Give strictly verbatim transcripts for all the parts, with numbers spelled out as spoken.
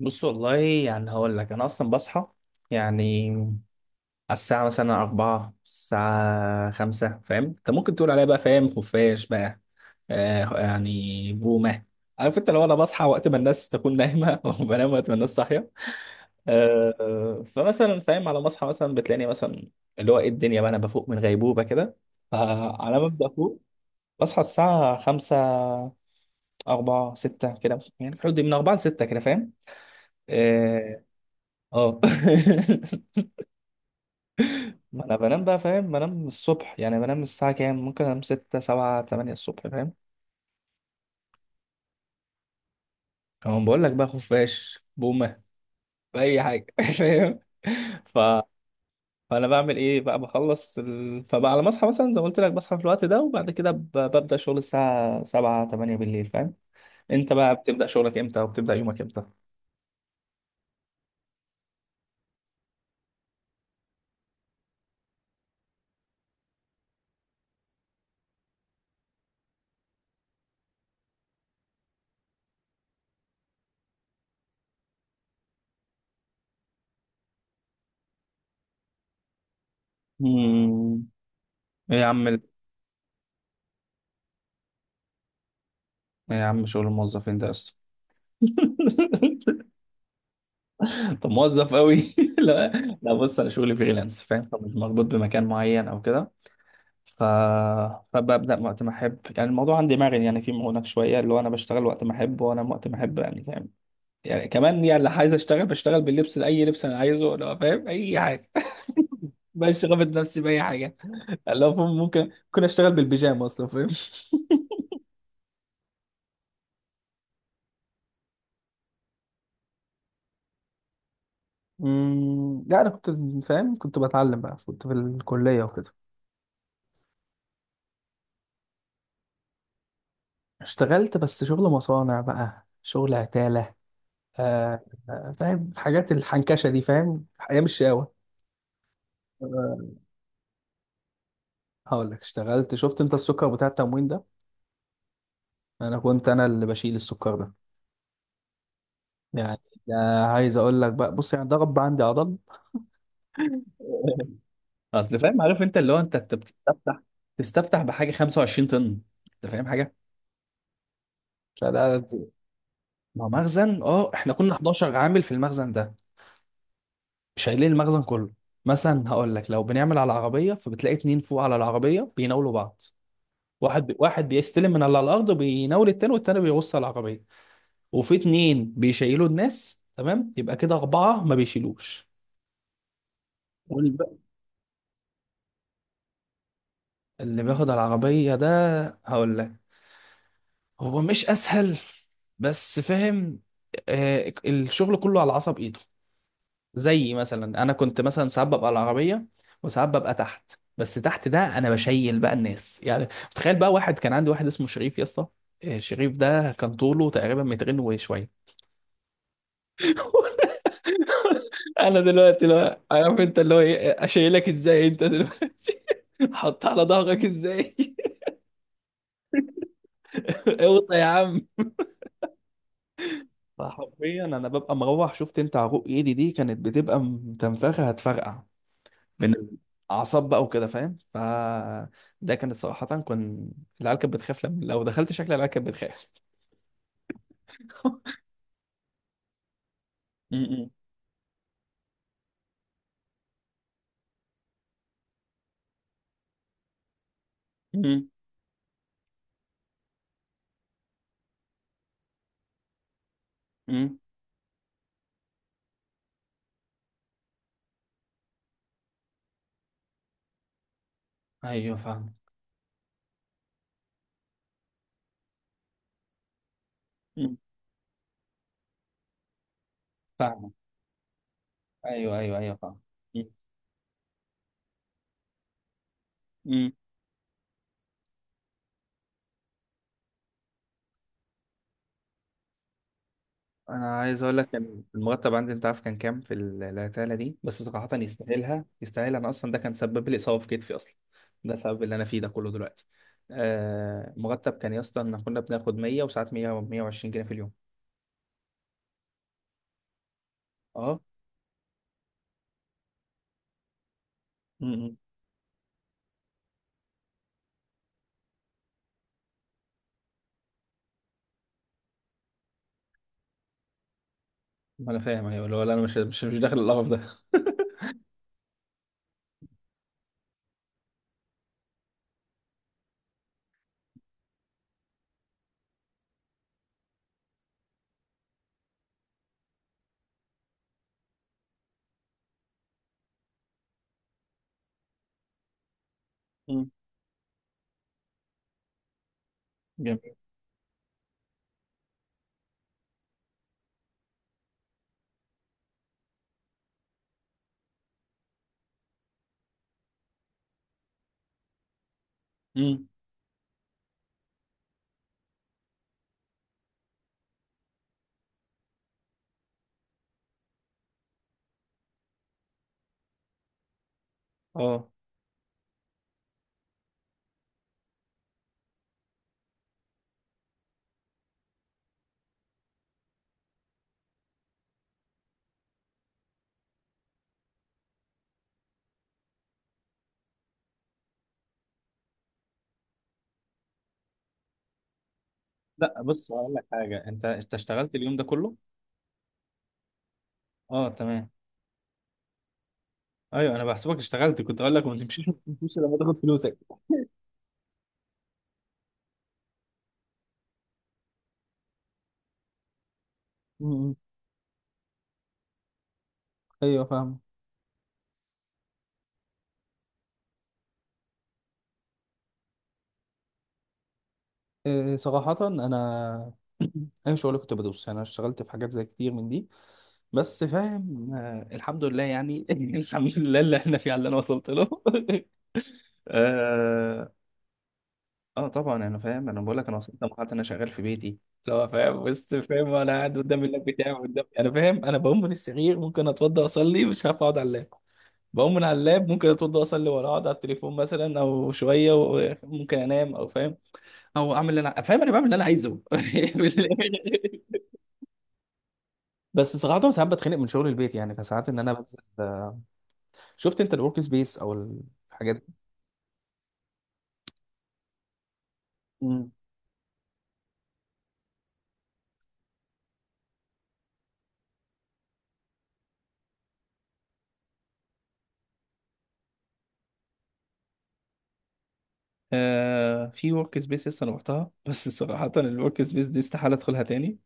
بص والله يعني هقول لك انا اصلا بصحى، يعني على الساعه مثلا أربعة الساعه خمسة، فاهم؟ انت ممكن تقول عليا بقى فاهم خفاش بقى، آه يعني بومه. عارف انت؟ لو انا بصحى وقت ما الناس تكون نايمه وبنام وقت ما الناس صاحيه. آه آه، فمثلا فاهم، على ما اصحى مثلا بتلاقيني مثلا اللي هو ايه الدنيا بقى، انا بفوق من غيبوبه كده. فعلى ما ابدا افوق بصحى الساعه خمسة، أربعة، ستة كده، يعني في الحدود دي من أربعة ل ستة كده، فاهم؟ اه. آه. ما انا بنام بقى، فاهم؟ بنام الصبح، يعني بنام الساعة كام؟ ممكن انام ستة سبعة تمانية الصبح، فاهم؟ اهو بقول لك بقى، خفاش، بومة، بأي حاجة فاهم. ف... فانا بعمل ايه بقى؟ بخلص ال... فبقى على ما اصحى مثلا زي ما قلت لك، بصحى في الوقت ده وبعد كده ب... ببدأ شغل الساعة سبعة تمانية بالليل، فاهم؟ انت بقى بتبدأ شغلك امتى وبتبدأ يومك امتى؟ مم. ايه يا عم ال- ايه يا عم، شغل الموظفين ده اصلا؟ انت موظف قوي؟ لا. لا بص، انا شغلي فريلانس، فاهم؟ فمش مربوط بمكان معين او كده. ف... فببدأ وقت ما أحب، يعني الموضوع عندي مرن، يعني في هناك شوية اللي هو أنا بشتغل وقت ما أحب وأنام وقت ما أحب، يعني فاهم؟ يعني كمان يعني اللي عايز أشتغل بشتغل، باللبس أي لبس أنا عايزه، لو فاهم أي حاجة مش غامض نفسي بأي حاجة. اللي هو فاهم، ممكن ممكن أشتغل بالبيجامة أصلا، فاهم؟ أمم، لا أنا كنت، فاهم كنت بتعلم بقى، كنت في الكلية وكده. اشتغلت بس شغل مصانع بقى، شغل عتالة. آه. آه، فاهم الحاجات الحنكشة دي، فاهم؟ أيام الشقاوة. هقول لك، اشتغلت، شفت انت السكر بتاع التموين ده؟ انا كنت، انا اللي بشيل السكر ده، يعني. ده عايز اقول لك بقى، بص يعني ده رب عندي عضل اصل فاهم، عارف انت اللي هو انت أنت بتستفتح، تستفتح بحاجه 25 طن، انت فاهم حاجه؟ فده، ما هو مخزن، اه، احنا كنا 11 عامل في المخزن ده، شايلين المخزن كله. مثلا هقول لك لو بنعمل على العربيه، فبتلاقي اتنين فوق على العربيه بيناولوا بعض. واحد واحد بيستلم من على الارض بيناول التاني، والتاني بيغص على العربيه. وفي اتنين بيشيلوا الناس، تمام؟ يبقى كده أربعة ما بيشيلوش. قول بقى. اللي بياخد العربية ده، هقول لك، هو مش أسهل، بس فاهم، آه، الشغل كله على عصب إيده. زي مثلا أنا كنت مثلا ساعات ببقى على العربية وساعات ببقى تحت، بس تحت ده أنا بشيل بقى الناس، يعني متخيل بقى، واحد كان عندي واحد اسمه شريف يا اسطى. آه، شريف ده كان طوله تقريبا مترين وشوية. انا دلوقتي لا، عارف انت اللي هو ايه؟ اشيلك ازاي انت دلوقتي؟ حط على ظهرك ازاي؟ اوطى يا عم. حرفيا انا ببقى مروح، شفت انت عروق ايدي دي كانت بتبقى متنفخه هتفرقع من الاعصاب بقى وكده، فاهم؟ ف ده كانت صراحه، كان العيال كانت بتخاف لما لو دخلت، شكل العيال كانت بتخاف. م- م- م- م. ايوه فاهم. م. فاهم، ايوه ايوه ايوه، فاهم. انا عايز اقول لك كان المرتب عندي، انت عارف كان كام؟ في ال- العتاله دي، بس صراحه يستاهلها يستاهلها، انا اصلا ده كان سبب لي اصابه في كتفي اصلا. ده سبب اللي انا فيه ده كله دلوقتي. آه، مرتب كان يا اسطى، ان كنا بناخد ميه، وساعات ميه، ميه وعشرين جنيه في اليوم. اه. امم ما انا فاهم، ايوه، اللي هو لا، انا مش مش مش داخل القرف ده. امم. جميل. امم. اه، لا بص، اقول لك حاجه، انت انت اشتغلت اليوم ده كله؟ اه، تمام. ايوه انا بحسبك اشتغلت، كنت اقول لك ما تمشيش، ما تمشيش لما تاخد فلوسك. امم. ايوه، فاهم. إيه، صراحة أنا أي شغل كنت بدوس، يعني أنا اشتغلت في حاجات زي كتير من دي، بس فاهم، آه، الحمد لله يعني الحمد لله اللي إحنا فيه على اللي أنا وصلت له. آه. آه، طبعا أنا فاهم، أنا بقول لك أنا وصلت لمرحلة أنا شغال في بيتي، اللي هو فاهم، بس فاهم، أنا قاعد قدام اللاب بتاعي قدام، أنا فاهم، أنا بقوم من السرير ممكن أتوضى أصلي، مش هعرف أقعد على اللاب. بقوم من على اللاب ممكن أتوضى أصلي ولا أقعد على التليفون مثلا أو شوية، وممكن أنام أو فاهم، او اعمل اللي انا فاهم، انا بعمل اللي انا عايزه. بس صراحة ساعات بتخنق من شغل البيت، يعني فساعات ان انا بنزل. شفت انت الورك سبيس او الحاجات دي؟ مم. آه، في ورك سبيس لسه انا رحتها بس صراحة الورك سبيس دي استحالة ادخلها تاني.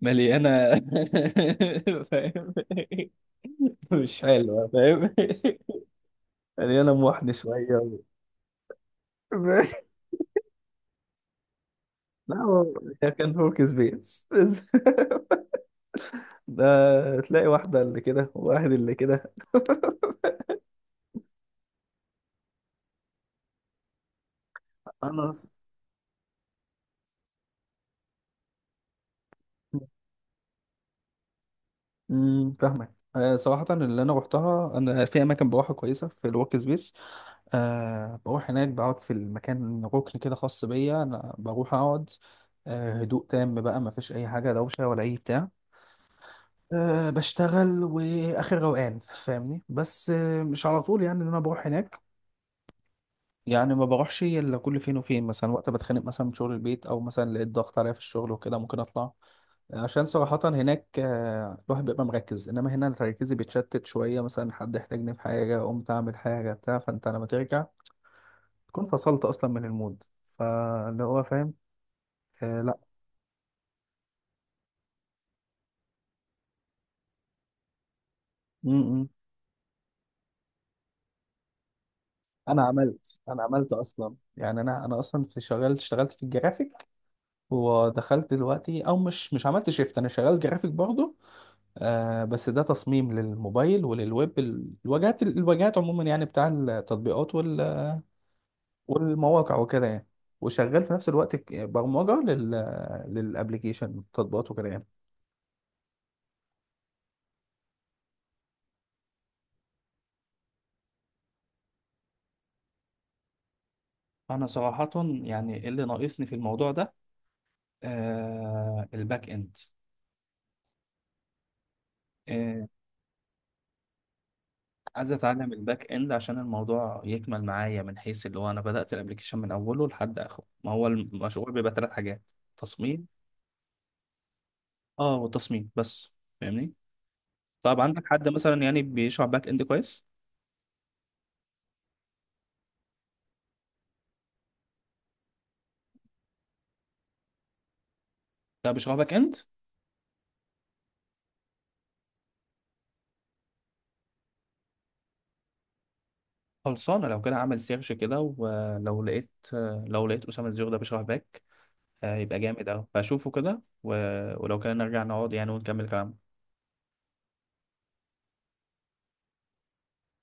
مليانة. فاهم، مش حلوة، فاهم، مليانة محن شوية و... لا، هو هي كان ورك سبيس ده، تلاقي واحدة اللي كده وواحد اللي كده. خلاص. امم. فاهمك، آه، صراحة اللي أنا روحتها، أنا في أماكن بروحها كويسة في الورك سبيس. أه بروح هناك، بقعد في المكان ركن كده خاص بيا، أنا بروح أقعد. أه، هدوء تام بقى، ما فيش أي حاجة دوشة ولا أي بتاع. أه بشتغل وآخر روقان، فاهمني؟ بس آه، مش على طول يعني إن أنا بروح هناك. يعني ما بروحش إلا كل فين وفين، مثلا وقت بتخانق مثلا من شغل البيت، أو مثلا لقيت ضغط عليا في الشغل وكده، ممكن أطلع. عشان صراحة هناك آه، الواحد بيبقى مركز، انما هنا تركيزي بيتشتت شوية، مثلا حد احتاجني في حاجة قمت اعمل حاجة بتاع، فانت لما ترجع تكون فصلت اصلا من المود، فاللي هو فاهم. آه، لا. م -م. انا عملت انا عملت اصلا، يعني انا انا اصلا في شغال، اشتغلت في الجرافيك. ودخلت دلوقتي، او مش مش عملت شيفت، انا شغال جرافيك برضه. آه بس ده تصميم للموبايل وللويب، ال- الواجهات الواجهات عموما يعني، بتاع التطبيقات والمواقع وكده يعني. وشغال في نفس الوقت ك- برمجة لل للابليكيشن التطبيقات وكده يعني. انا صراحه، يعني إيه اللي ناقصني في الموضوع ده؟ آه، الباك اند. آه، عايز اتعلم الباك اند عشان الموضوع يكمل معايا من حيث اللي هو، انا بدات الابلكيشن من اوله لحد اخره، ما هو المشروع بيبقى ثلاث حاجات، تصميم، اه، والتصميم بس، فاهمني؟ طب عندك حد مثلا يعني بيشرح باك اند كويس؟ لا، بيشرح باك اند خلصانة لو كده، عمل سيرش كده، ولو لقيت، لو لقيت أسامة الزيرو ده بيشرح باك، آه، يبقى جامد أوي، فأشوفه كده، و- ولو كده نرجع نقعد يعني ونكمل كلامنا.